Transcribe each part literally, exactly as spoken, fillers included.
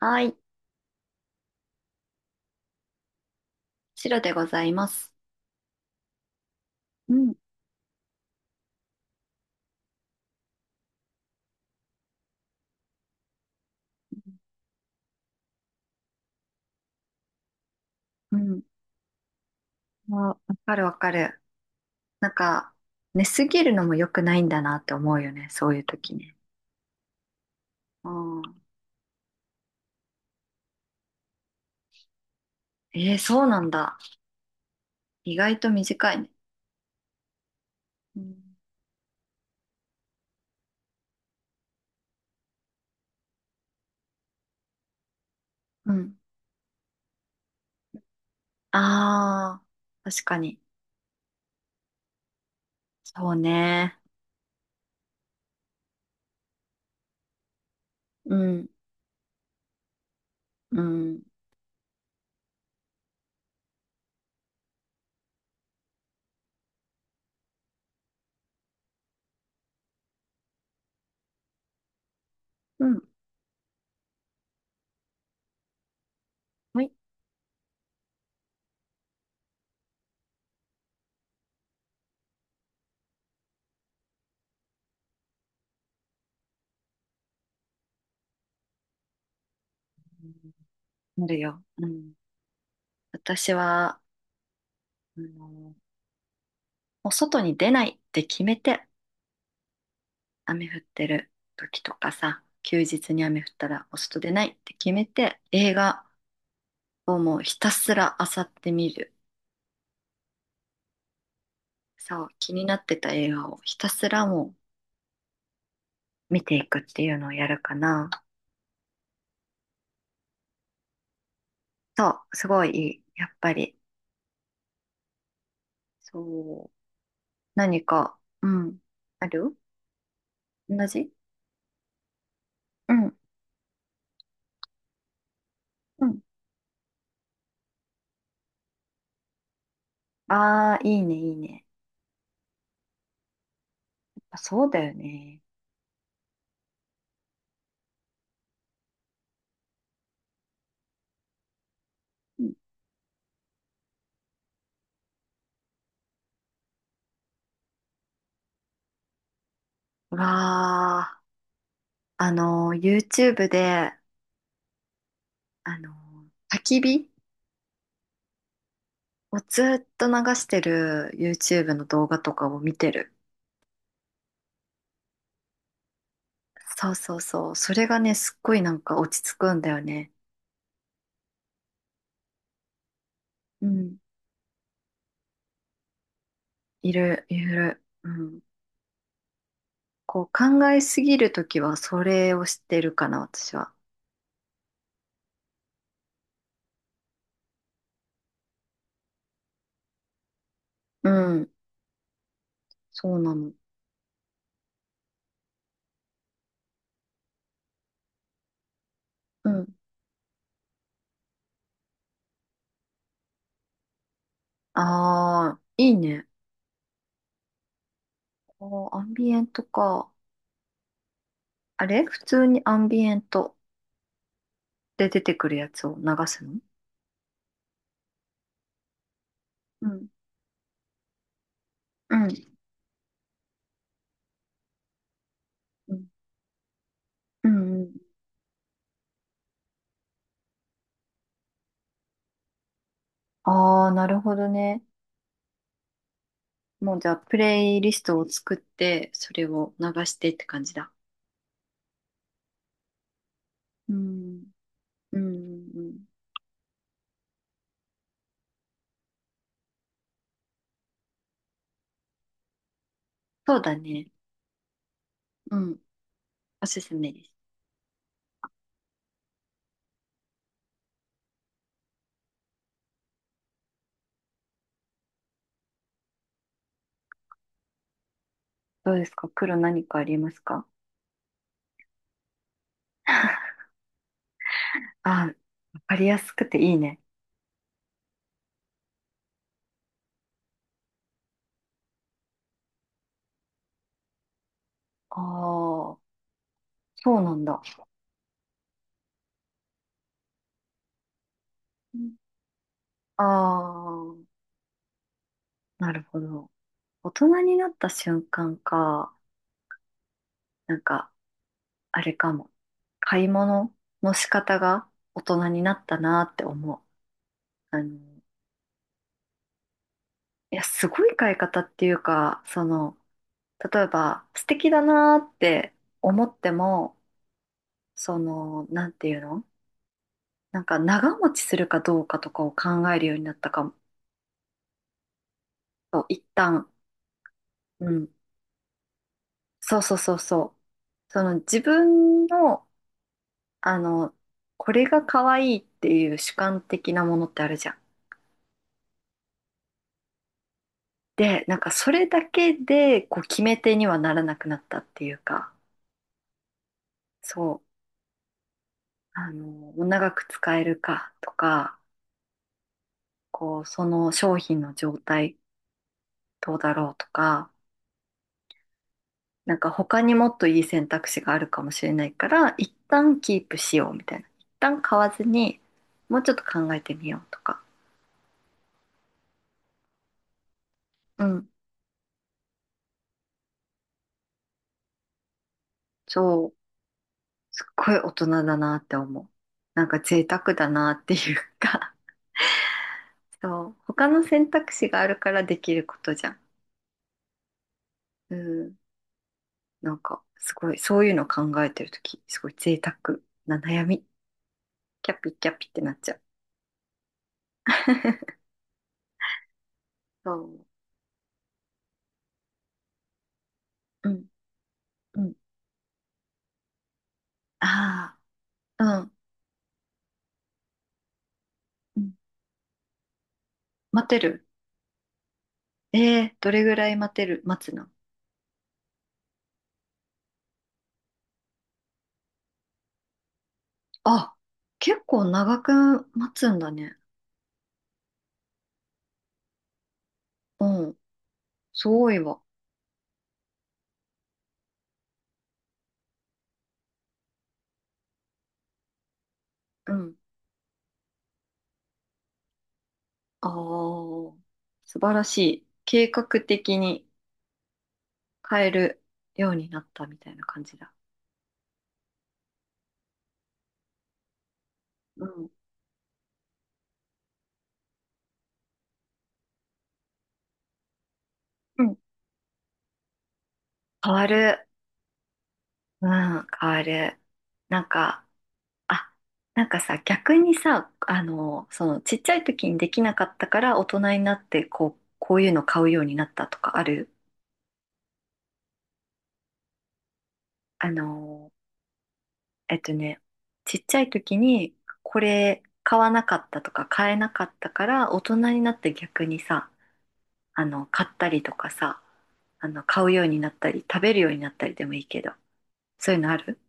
はい、白でございます。うん。うん、わわかるわかる。なんか、寝すぎるのも良くないんだなって思うよね、そういう時ね。ああ、えー、そうなんだ。意外と短いね。うん。うん。ああ、確かに。そうね。うん、うん、うん。はい。うん、なるよ。うん。私は、あの、もう外に出ないって決めて、雨降ってる時とかさ、休日に雨降ったらお外出ないって決めて、映画をもうひたすら漁ってみる。そう、気になってた映画をひたすらもう見ていくっていうのをやるかな。そう、すごいいい。やっぱり。そう。何か、うん。ある。同じ。うん。うん。ああ、いいね、いいね。あ、そうだよね。うん。うわあ、あのー、YouTube で、あのー、焚き火もうずっと流してる YouTube の動画とかを見てる。そうそうそう。それがね、すっごいなんか落ち着くんだよね。うん。いる、いる。うん。こう考えすぎるときはそれをしてるかな、私は。うん。そうなの。うん。ああ、いいね。おー、アンビエントか。あれ普通にアンビエントで出てくるやつを流すの？うん。うん。うん。うん。ああ、なるほどね。もうじゃあ、プレイリストを作って、それを流してって感じだ。うん。うん。うん、そうだね。うん。おすすめです。どうですか、黒、何かありますか？あ、わかりやすくていいね。ああ。そうなんだ。ああー。なるほど。大人になった瞬間か、なんか、あれかも。買い物の仕方が大人になったなって思う。あの、いや、すごい買い方っていうか、その、例えば、素敵だなーって思っても、その、なんていうの、なんか長持ちするかどうかとかを考えるようになったかも。そう、一旦、うん。そうそうそうそう。その自分の、あの、これが可愛いっていう主観的なものってあるじゃん。で、なんかそれだけで、こう決め手にはならなくなったっていうか、そう、あの、長く使えるかとか、こう、その商品の状態、どうだろうとか、なんか他にもっといい選択肢があるかもしれないから、一旦キープしようみたいな。一旦買わずに、もうちょっと考えてみようとか。うん。そう。すっごい大人だなって思う。なんか贅沢だなっていうか。 そう。他の選択肢があるからできることじゃん。うん。なんか、すごい、そういうの考えてるとき、すごい贅沢な悩み。キャピキャピってなっちゃう。そう。うん。うん。ああ。うん。うん、待てる。えー、どれぐらい待てる、待つの？あ、結構長く待つんだね。うん、すごいわ。うん。ああ、素晴らしい。計画的に変えるようになったみたいな感じだ。うん。うん。変わる。うん、変わる。なんか、あ、なんかさ、逆にさ、あの、その、ちっちゃい時にできなかったから、大人になって、こう、こういうの買うようになったとかある？あのえっとね、ちっちゃい時にこれ買わなかったとか買えなかったから大人になって逆にさ、あの、買ったりとかさ、あの、買うようになったり食べるようになったりでもいいけど、そういうのある？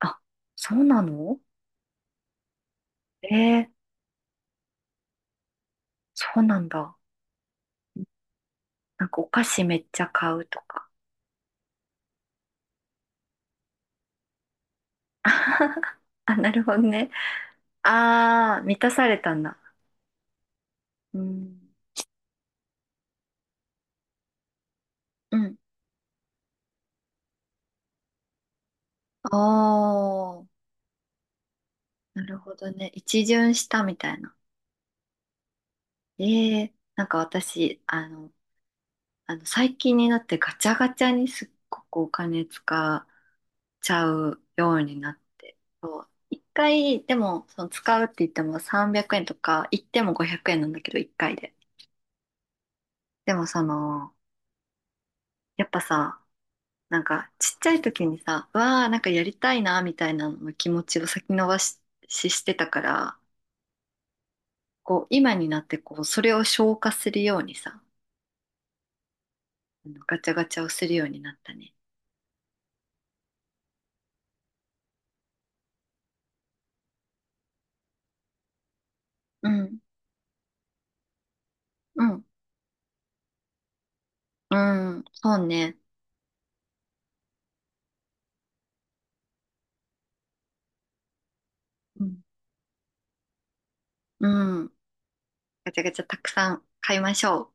あ、そうなの？えー、そうなんだ。なんかお菓子めっちゃ買うとか。あ、なるほどね。ああ、満たされたんだ。うん。うん。おー、なるほどね。一巡したみたいな。ええ、なんか私、あの、あの最近になってガチャガチャにすっごくお金使っちゃうようになって、そう一回、でも、その使うって言ってもさんびゃくえんとか、行ってもごひゃくえんなんだけど、一回で。でもその、やっぱさ、なんかちっちゃい時にさ、うわあ、なんかやりたいな、みたいなの気持ちを先延ばし、ししてたから、こう、今になってこう、それを消化するようにさ、あのガチャガチャをするようになったね。うん。うん、うん、そうね。うん、うん。ガチャガチャたくさん買いましょう。